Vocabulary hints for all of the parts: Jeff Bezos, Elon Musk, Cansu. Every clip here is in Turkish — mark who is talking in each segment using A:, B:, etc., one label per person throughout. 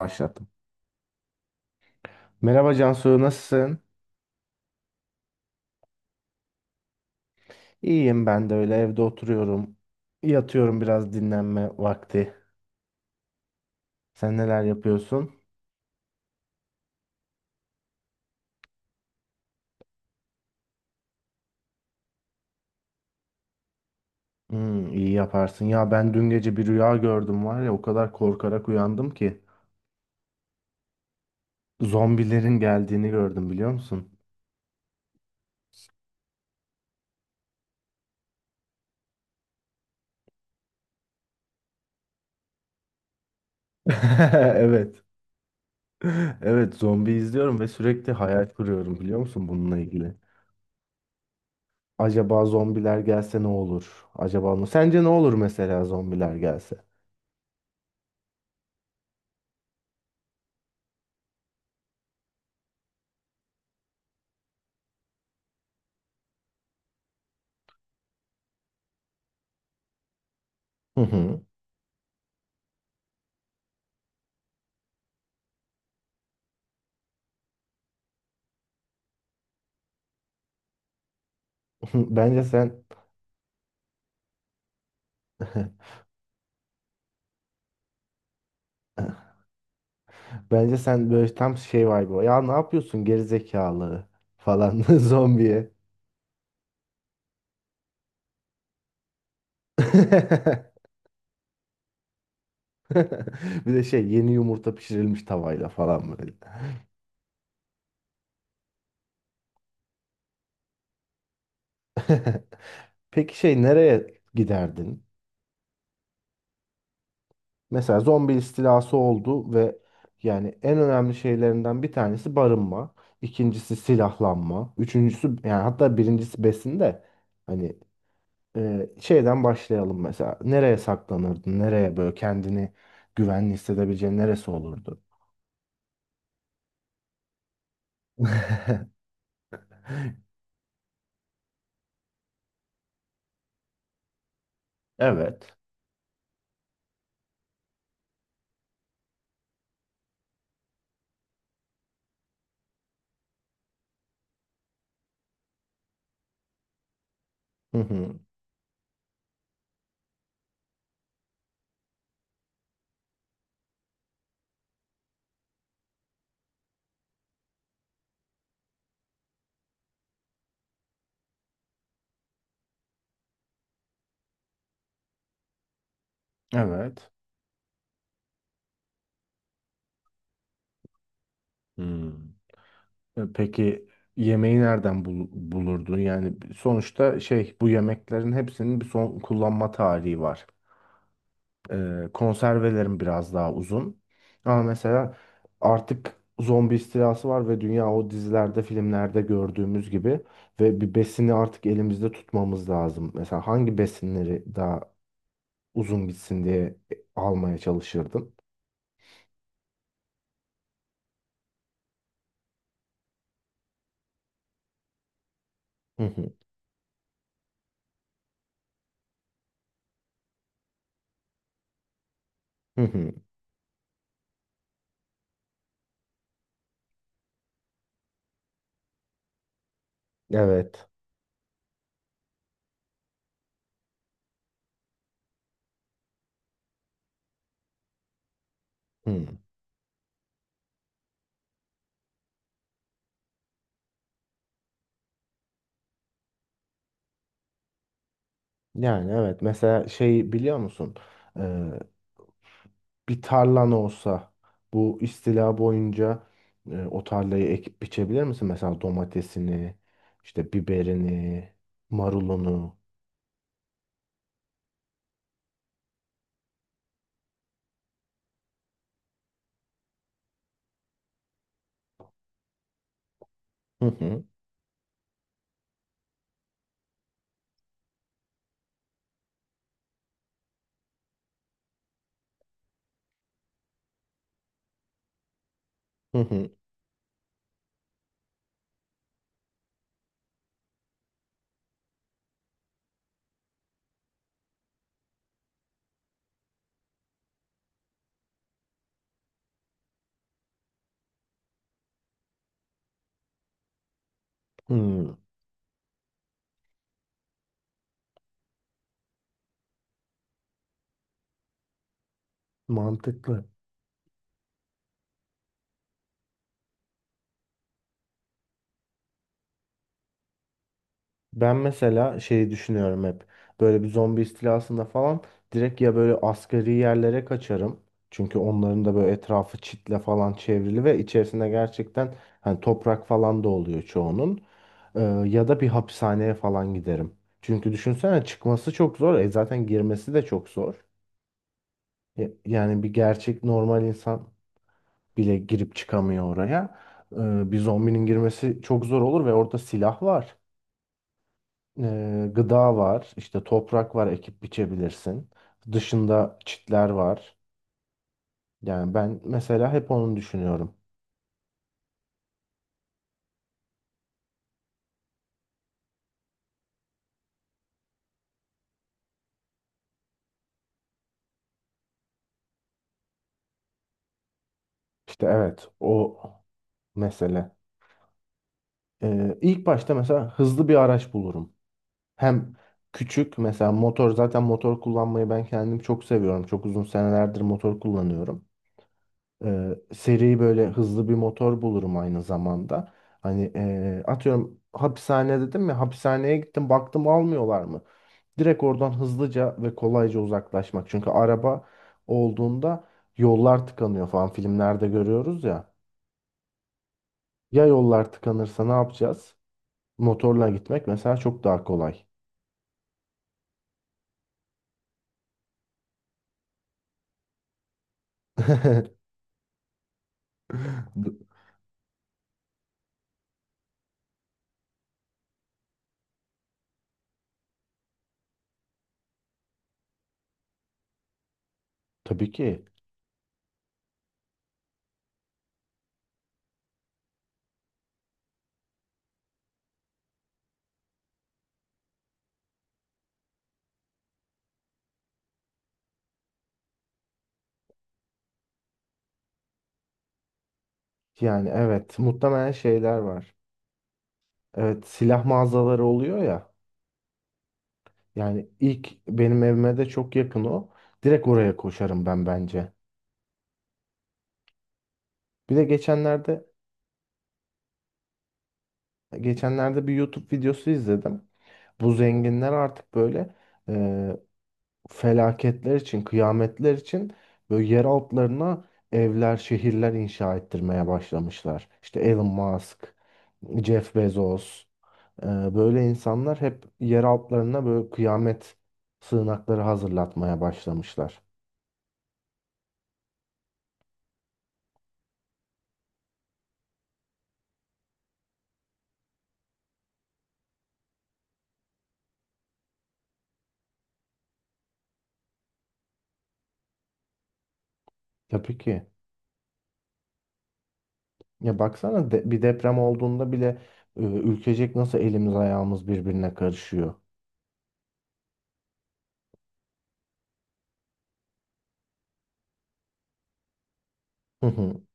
A: Başlattım. Merhaba Cansu, nasılsın? İyiyim, ben de öyle evde oturuyorum. Yatıyorum, biraz dinlenme vakti. Sen neler yapıyorsun? İyi yaparsın. Ya ben dün gece bir rüya gördüm, var ya o kadar korkarak uyandım ki. Zombilerin geldiğini gördüm, biliyor musun? Evet. Evet, zombi izliyorum ve sürekli hayal kuruyorum, biliyor musun bununla ilgili? Acaba zombiler gelse ne olur? Acaba ne? Sence ne olur mesela, zombiler gelse? Hı hı. Bence sen Bence sen böyle tam şey var bu. Ya ne yapıyorsun geri zekalı falan zombiye. Bir de şey, yeni yumurta pişirilmiş tavayla falan böyle. Peki şey, nereye giderdin? Mesela zombi istilası oldu ve yani en önemli şeylerinden bir tanesi barınma, ikincisi silahlanma, üçüncüsü yani hatta birincisi besin de, hani. Şeyden başlayalım mesela. Nereye saklanırdın? Nereye böyle kendini güvenli hissedebileceğin neresi olurdu? Evet. Hı hı. Evet. Hmm. Peki yemeği nereden bulurdun? Yani sonuçta şey, bu yemeklerin hepsinin bir son kullanma tarihi var. Konservelerim biraz daha uzun. Ama mesela artık zombi istilası var ve dünya o dizilerde, filmlerde gördüğümüz gibi ve bir besini artık elimizde tutmamız lazım. Mesela hangi besinleri daha uzun gitsin diye almaya çalışırdım. Hı hı, hı hı. Evet. Hı. Yani evet, mesela şey, biliyor musun? Bir tarlan olsa bu istila boyunca o tarlayı ekip biçebilir misin? Mesela domatesini, işte biberini, marulunu. Hı hı, hı hı, hı. Mantıklı. Ben mesela şeyi düşünüyorum hep. Böyle bir zombi istilasında falan direkt ya böyle asgari yerlere kaçarım. Çünkü onların da böyle etrafı çitle falan çevrili ve içerisinde gerçekten hani toprak falan da oluyor çoğunun. Ee, Ya da bir hapishaneye falan giderim. Çünkü düşünsene, çıkması çok zor. Zaten girmesi de çok zor. Yani bir gerçek normal insan bile girip çıkamıyor oraya. Bir zombinin girmesi çok zor olur ve orada silah var, gıda var, işte toprak var, ekip biçebilirsin. Dışında çitler var. Yani ben mesela hep onu düşünüyorum. İşte evet, o mesele. İlk başta mesela hızlı bir araç bulurum. Hem küçük, mesela motor, zaten motor kullanmayı ben kendim çok seviyorum. Çok uzun senelerdir motor kullanıyorum. Seri, böyle hızlı bir motor bulurum aynı zamanda. Hani atıyorum, hapishane dedim ya, hapishaneye gittim baktım almıyorlar mı? Direkt oradan hızlıca ve kolayca uzaklaşmak. Çünkü araba olduğunda yollar tıkanıyor falan, filmlerde görüyoruz ya. Ya yollar tıkanırsa ne yapacağız? Motorla gitmek mesela çok daha kolay. Bu- Tabii ki. Yani evet, muhtemelen şeyler var. Evet, silah mağazaları oluyor ya. Yani ilk benim evime de çok yakın o. Direkt oraya koşarım ben, bence. Bir de geçenlerde bir YouTube videosu izledim. Bu zenginler artık böyle e, felaketler için, kıyametler için böyle yer altlarına evler, şehirler inşa ettirmeye başlamışlar. İşte Elon Musk, Jeff Bezos, e, böyle insanlar hep yer altlarına böyle kıyamet sığınakları hazırlatmaya başlamışlar. Tabii ki. Ya baksana, bir deprem olduğunda bile ülkecek nasıl elimiz ayağımız birbirine karışıyor. Hı hı.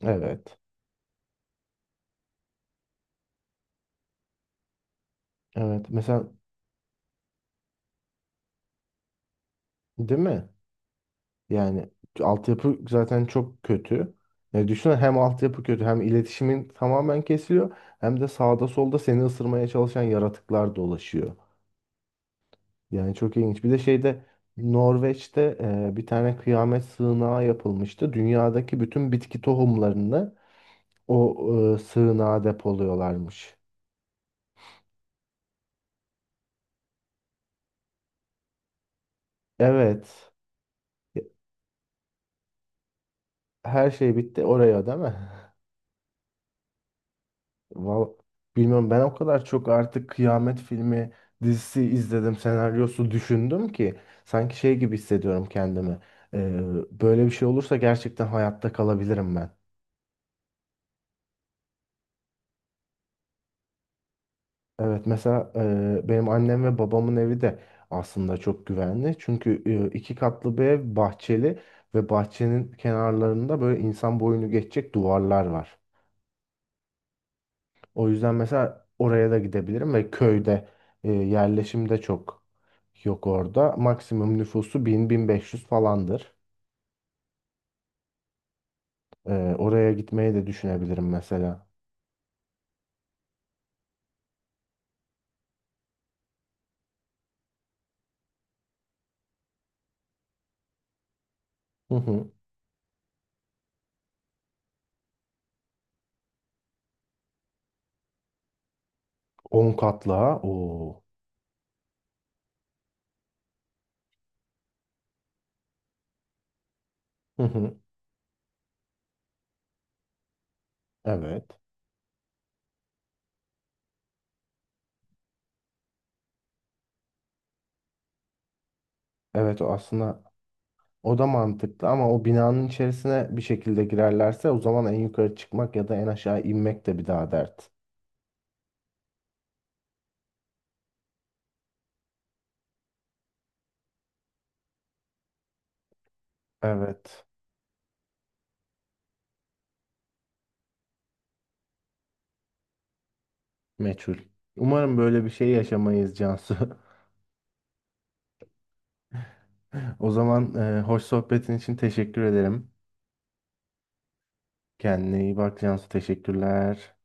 A: Evet. Evet. Mesela, değil mi? Yani altyapı zaten çok kötü. Ya düşünsene, hem altyapı kötü, hem iletişimin tamamen kesiliyor, hem de sağda solda seni ısırmaya çalışan yaratıklar dolaşıyor. Yani çok ilginç. Bir de şeyde, Norveç'te bir tane kıyamet sığınağı yapılmıştı. Dünyadaki bütün bitki tohumlarını o sığınağa depoluyorlarmış. Evet. Her şey bitti oraya, değil mi? Val Bilmiyorum, ben o kadar çok artık kıyamet filmi, dizisi izledim, senaryosu düşündüm ki sanki şey gibi hissediyorum kendimi. E, Böyle bir şey olursa gerçekten hayatta kalabilirim ben. Evet, mesela benim annem ve babamın evi de aslında çok güvenli. Çünkü 2 katlı bir ev, bahçeli ve bahçenin kenarlarında böyle insan boyunu geçecek duvarlar var. O yüzden mesela oraya da gidebilirim ve köyde yerleşim de çok yok orada. Maksimum nüfusu 1.000, 1.500 falandır. Oraya gitmeyi de düşünebilirim mesela. Hı hı. 10 katlı ha. Oo. Hı hı. Evet. Evet, o aslında. O da mantıklı, ama o binanın içerisine bir şekilde girerlerse o zaman en yukarı çıkmak ya da en aşağı inmek de bir daha dert. Evet. Meçhul. Umarım böyle bir şey yaşamayız Cansu. O zaman hoş sohbetin için teşekkür ederim. Kendine iyi bak Cansu. Teşekkürler.